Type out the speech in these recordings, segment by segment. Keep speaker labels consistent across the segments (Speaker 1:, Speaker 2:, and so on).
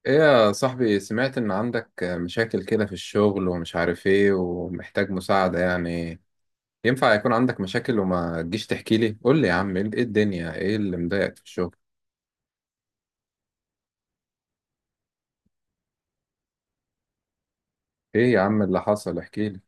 Speaker 1: ايه يا صاحبي، سمعت ان عندك مشاكل كده في الشغل ومش عارف ايه ومحتاج مساعدة يعني. ينفع يكون عندك مشاكل وما تجيش تحكي لي؟ قول لي يا عم، إيه الدنيا؟ ايه اللي مضايقك في الشغل؟ ايه يا عم اللي حصل؟ احكي لي.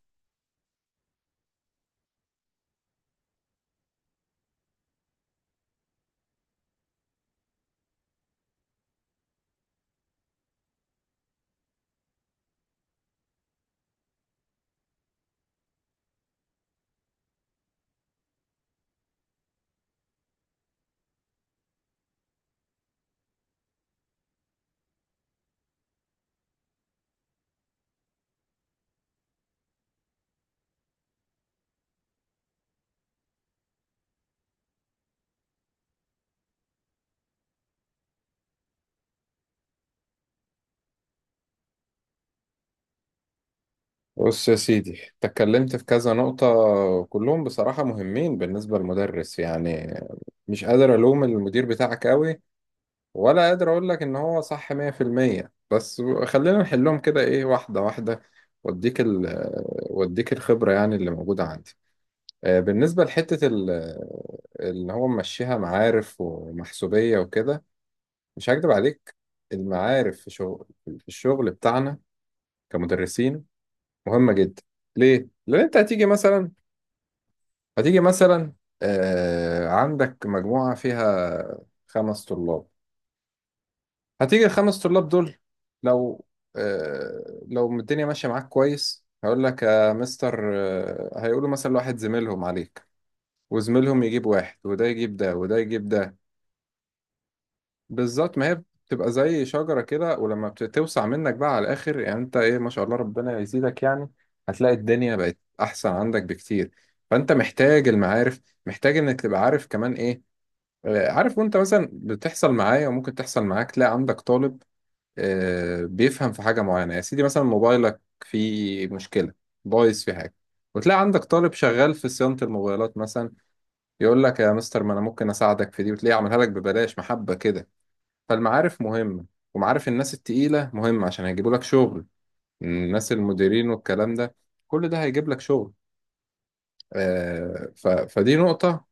Speaker 1: بص يا سيدي، اتكلمت في كذا نقطة، وكلهم بصراحة مهمين بالنسبة للمدرس يعني. مش قادر الوم المدير بتاعك قوي، ولا قادر اقول لك ان هو صح 100%. بس خلينا نحلهم كده، ايه، واحده واحده. واديك ال واديك الخبره يعني اللي موجوده عندي. بالنسبه لحته اللي هو ممشيها معارف ومحسوبيه وكده، مش هكدب عليك، المعارف في الشغل بتاعنا كمدرسين مهمه جدا. ليه؟ لان انت هتيجي مثلا، هتيجي مثلا عندك مجموعه فيها 5 طلاب. هتيجي الخمس طلاب دول، لو، لو الدنيا ماشية معاك كويس، هقول لك يا مستر. هيقولوا مثلا لواحد زميلهم عليك، وزميلهم يجيب واحد، وده يجيب ده، وده يجيب ده. بالظبط، ما هي بتبقى زي شجرة كده، ولما بتوسع منك بقى على الآخر، يعني أنت إيه ما شاء الله، ربنا يزيدك يعني. هتلاقي الدنيا بقت أحسن عندك بكتير. فأنت محتاج المعارف، محتاج إنك تبقى عارف كمان إيه. عارف، وأنت مثلا بتحصل معايا وممكن تحصل معاك، تلاقي عندك طالب بيفهم في حاجة معينة. يا سيدي مثلا موبايلك فيه مشكلة، بايظ في حاجة، وتلاقي عندك طالب شغال في صيانة الموبايلات مثلا، يقول لك يا مستر ما أنا ممكن أساعدك في دي، وتلاقيه عملها لك ببلاش، محبة كده. فالمعارف مهمة، ومعارف الناس التقيلة مهمة عشان هيجيبوا لك شغل. الناس المديرين والكلام ده كل ده هيجيب لك شغل. فدي نقطة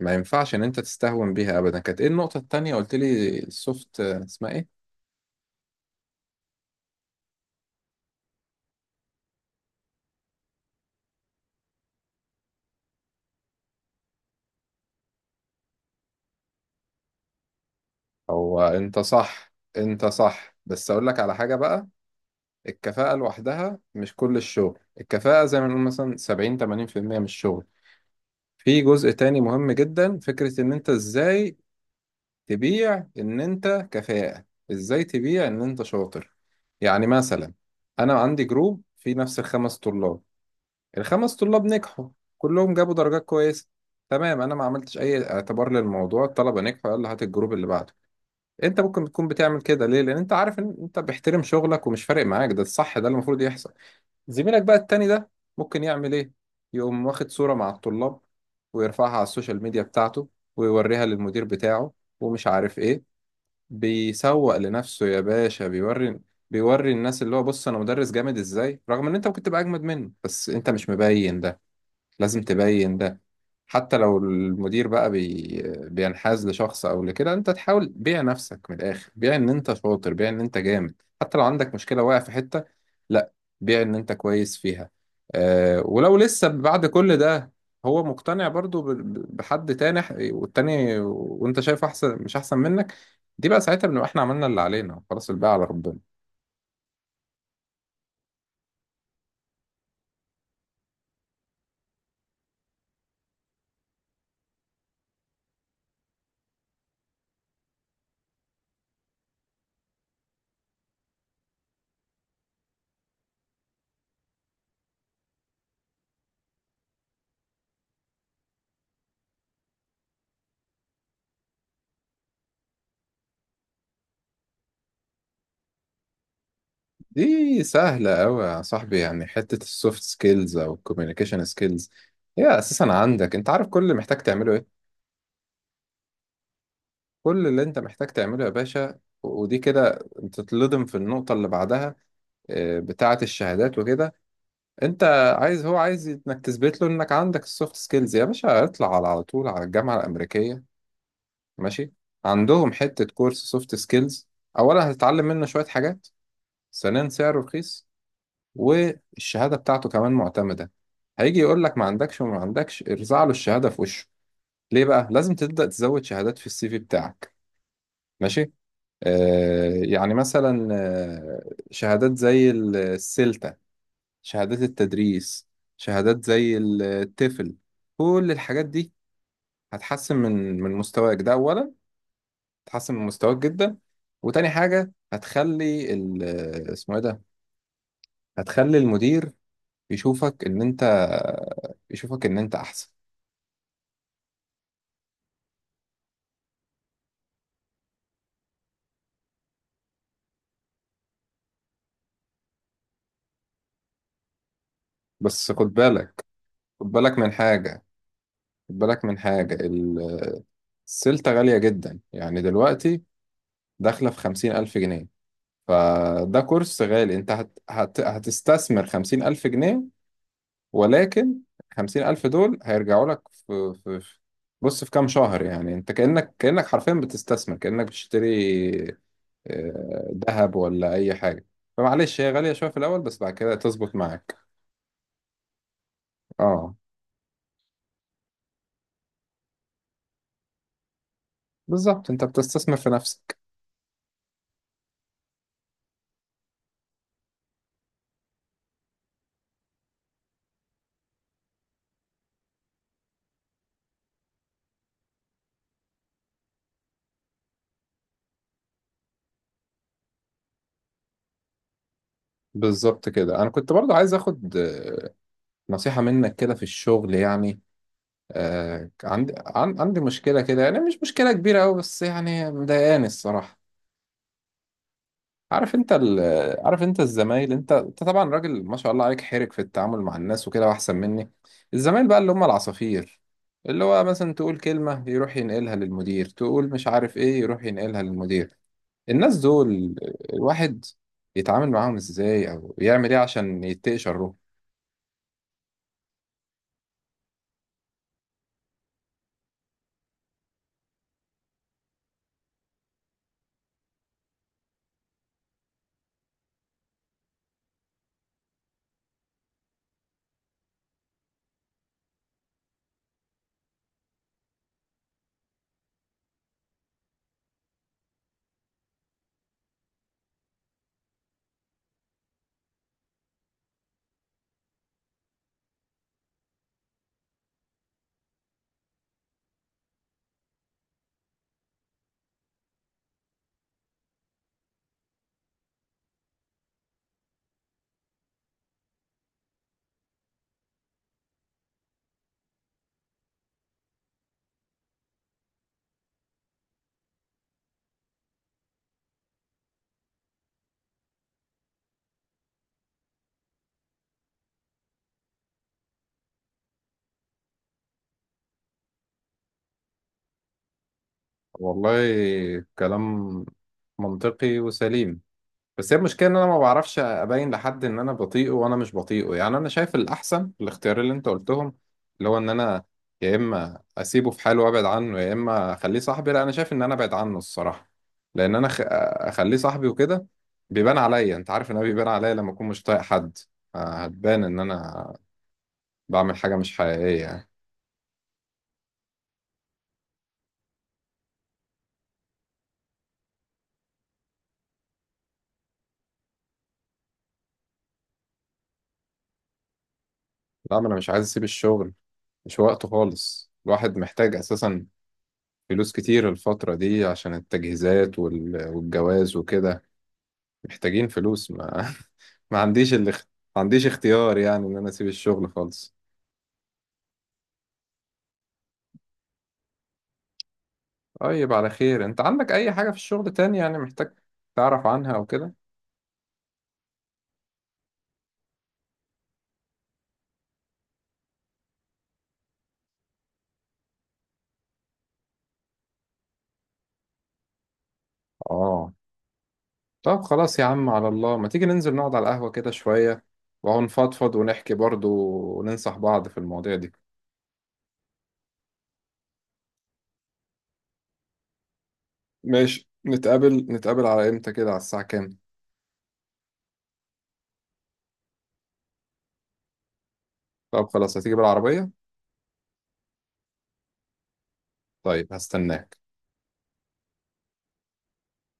Speaker 1: ما ينفعش إن أنت تستهون بيها أبدا. كانت إيه النقطة التانية؟ قلت لي السوفت، اسمها إيه؟ هو انت صح، انت صح. بس اقول لك على حاجة بقى. الكفاءة لوحدها مش كل الشغل، الكفاءة زي ما نقول مثلا 70، 80% من الشغل. في جزء تاني مهم جدا، فكرة ان انت ازاي تبيع ان انت كفاءة، ازاي تبيع ان انت شاطر. يعني مثلا انا عندي جروب فيه نفس الخمس طلاب. الخمس طلاب نجحوا، كلهم جابوا درجات كويسة. تمام، انا ما عملتش اي اعتبار للموضوع، الطلبة نجحوا، يلا هات الجروب اللي بعده. انت ممكن تكون بتعمل كده ليه؟ لان انت عارف ان انت بيحترم شغلك ومش فارق معاك، ده الصح، ده اللي المفروض يحصل. زميلك بقى التاني ده ممكن يعمل ايه؟ يقوم واخد صورة مع الطلاب، ويرفعها على السوشيال ميديا بتاعته، ويوريها للمدير بتاعه ومش عارف ايه. بيسوق لنفسه يا باشا، بيوري الناس اللي هو، بص انا مدرس جامد ازاي. رغم ان انت ممكن تبقى اجمد منه، بس انت مش مبين ده، لازم تبين ده. حتى لو المدير بقى بينحاز لشخص او لكده، انت تحاول بيع نفسك من الاخر، بيع ان انت شاطر، بيع ان انت جامد. حتى لو عندك مشكلة واقع في حتة، لا، بيع ان انت كويس فيها. أه، ولو لسه بعد كل ده هو مقتنع برضو بحد تاني، والتاني وانت شايف احسن مش احسن منك، دي بقى ساعتها بنبقى احنا عملنا اللي علينا، خلاص الباقي على ربنا. دي سهلة أوي يا صاحبي، يعني حتة السوفت سكيلز أو الكوميونيكيشن سكيلز هي أساسا عندك. أنت عارف كل اللي محتاج تعمله إيه؟ كل اللي أنت محتاج تعمله يا باشا، ودي كده تتلضم في النقطة اللي بعدها، بتاعة الشهادات وكده. أنت عايز، هو عايز إنك تثبت له إنك عندك السوفت سكيلز، يا باشا اطلع على طول على الجامعة الأمريكية، ماشي، عندهم حتة كورس سوفت سكيلز. أولا هتتعلم منه شوية حاجات، ثانيا سعره رخيص، والشهادة بتاعته كمان معتمدة. هيجي يقول لك ما عندكش وما عندكش، ارزع له الشهادة في وشه. ليه بقى؟ لازم تبدأ تزود شهادات في السي في بتاعك، ماشي. يعني مثلا، شهادات زي السلتا، شهادات التدريس، شهادات زي التفل، كل الحاجات دي هتحسن من مستواك ده أولا، هتحسن من مستواك جدا. وتاني حاجة هتخلي، اسمه ايه ده، هتخلي المدير يشوفك ان انت يشوفك ان انت احسن. بس خد بالك، خد بالك من حاجة خد بالك من حاجة السلطة غالية جدا يعني دلوقتي، داخلة في 50000 جنيه. فده كورس غالي، انت هتستثمر 50000 جنيه. ولكن 50000 دول هيرجعوا لك بص في كام شهر يعني. انت كأنك حرفيا بتستثمر، كأنك بتشتري ذهب ولا أي حاجة. فمعلش هي غالية شوية في الأول، بس بعد كده تظبط معاك. اه، بالظبط انت بتستثمر في نفسك. بالظبط كده. انا كنت برضو عايز اخد نصيحة منك كده في الشغل يعني. آه عندي، عندي مشكلة كده، يعني مش مشكلة كبيرة قوي بس يعني مضايقاني الصراحة. عارف انت ال... عارف انت الزمايل، انت طبعا راجل ما شاء الله عليك، حرك في التعامل مع الناس وكده واحسن مني. الزمايل بقى اللي هم العصافير، اللي هو مثلا تقول كلمة يروح ينقلها للمدير، تقول مش عارف ايه يروح ينقلها للمدير. الناس دول الواحد يتعامل معاهم ازاي او يعمل ايه عشان يتقي شره؟ والله كلام منطقي وسليم. بس هي المشكله ان انا ما بعرفش ابين لحد ان انا بطيئه وانا مش بطيئه يعني. انا شايف الاحسن الاختيار اللي انت قلتهم، اللي هو ان انا يا اما اسيبه في حاله وابعد عنه، يا اما اخليه صاحبي. لا، انا شايف ان انا ابعد عنه الصراحه. لان انا اخليه صاحبي وكده بيبان عليا، انت عارف ان انا بيبان عليا لما اكون مش طايق حد. هتبان ان انا بعمل حاجة مش حقيقية يعني. لا، ما أنا مش عايز أسيب الشغل، مش وقته خالص. الواحد محتاج أساسا فلوس كتير الفترة دي عشان التجهيزات والجواز وكده، محتاجين فلوس. ما, ما عنديش، اللي ما عنديش اختيار يعني إن أنا أسيب الشغل خالص. طيب على خير. أنت عندك أي حاجة في الشغل تاني يعني محتاج تعرف عنها أو كده؟ آه، طب خلاص يا عم، على الله ما تيجي ننزل نقعد على القهوة كده شوية، ونفضفض ونحكي برضو، وننصح بعض في المواضيع دي. ماشي، نتقابل على امتى كده؟ على الساعة كام؟ طب خلاص، هتيجي بالعربية؟ طيب، هستناك.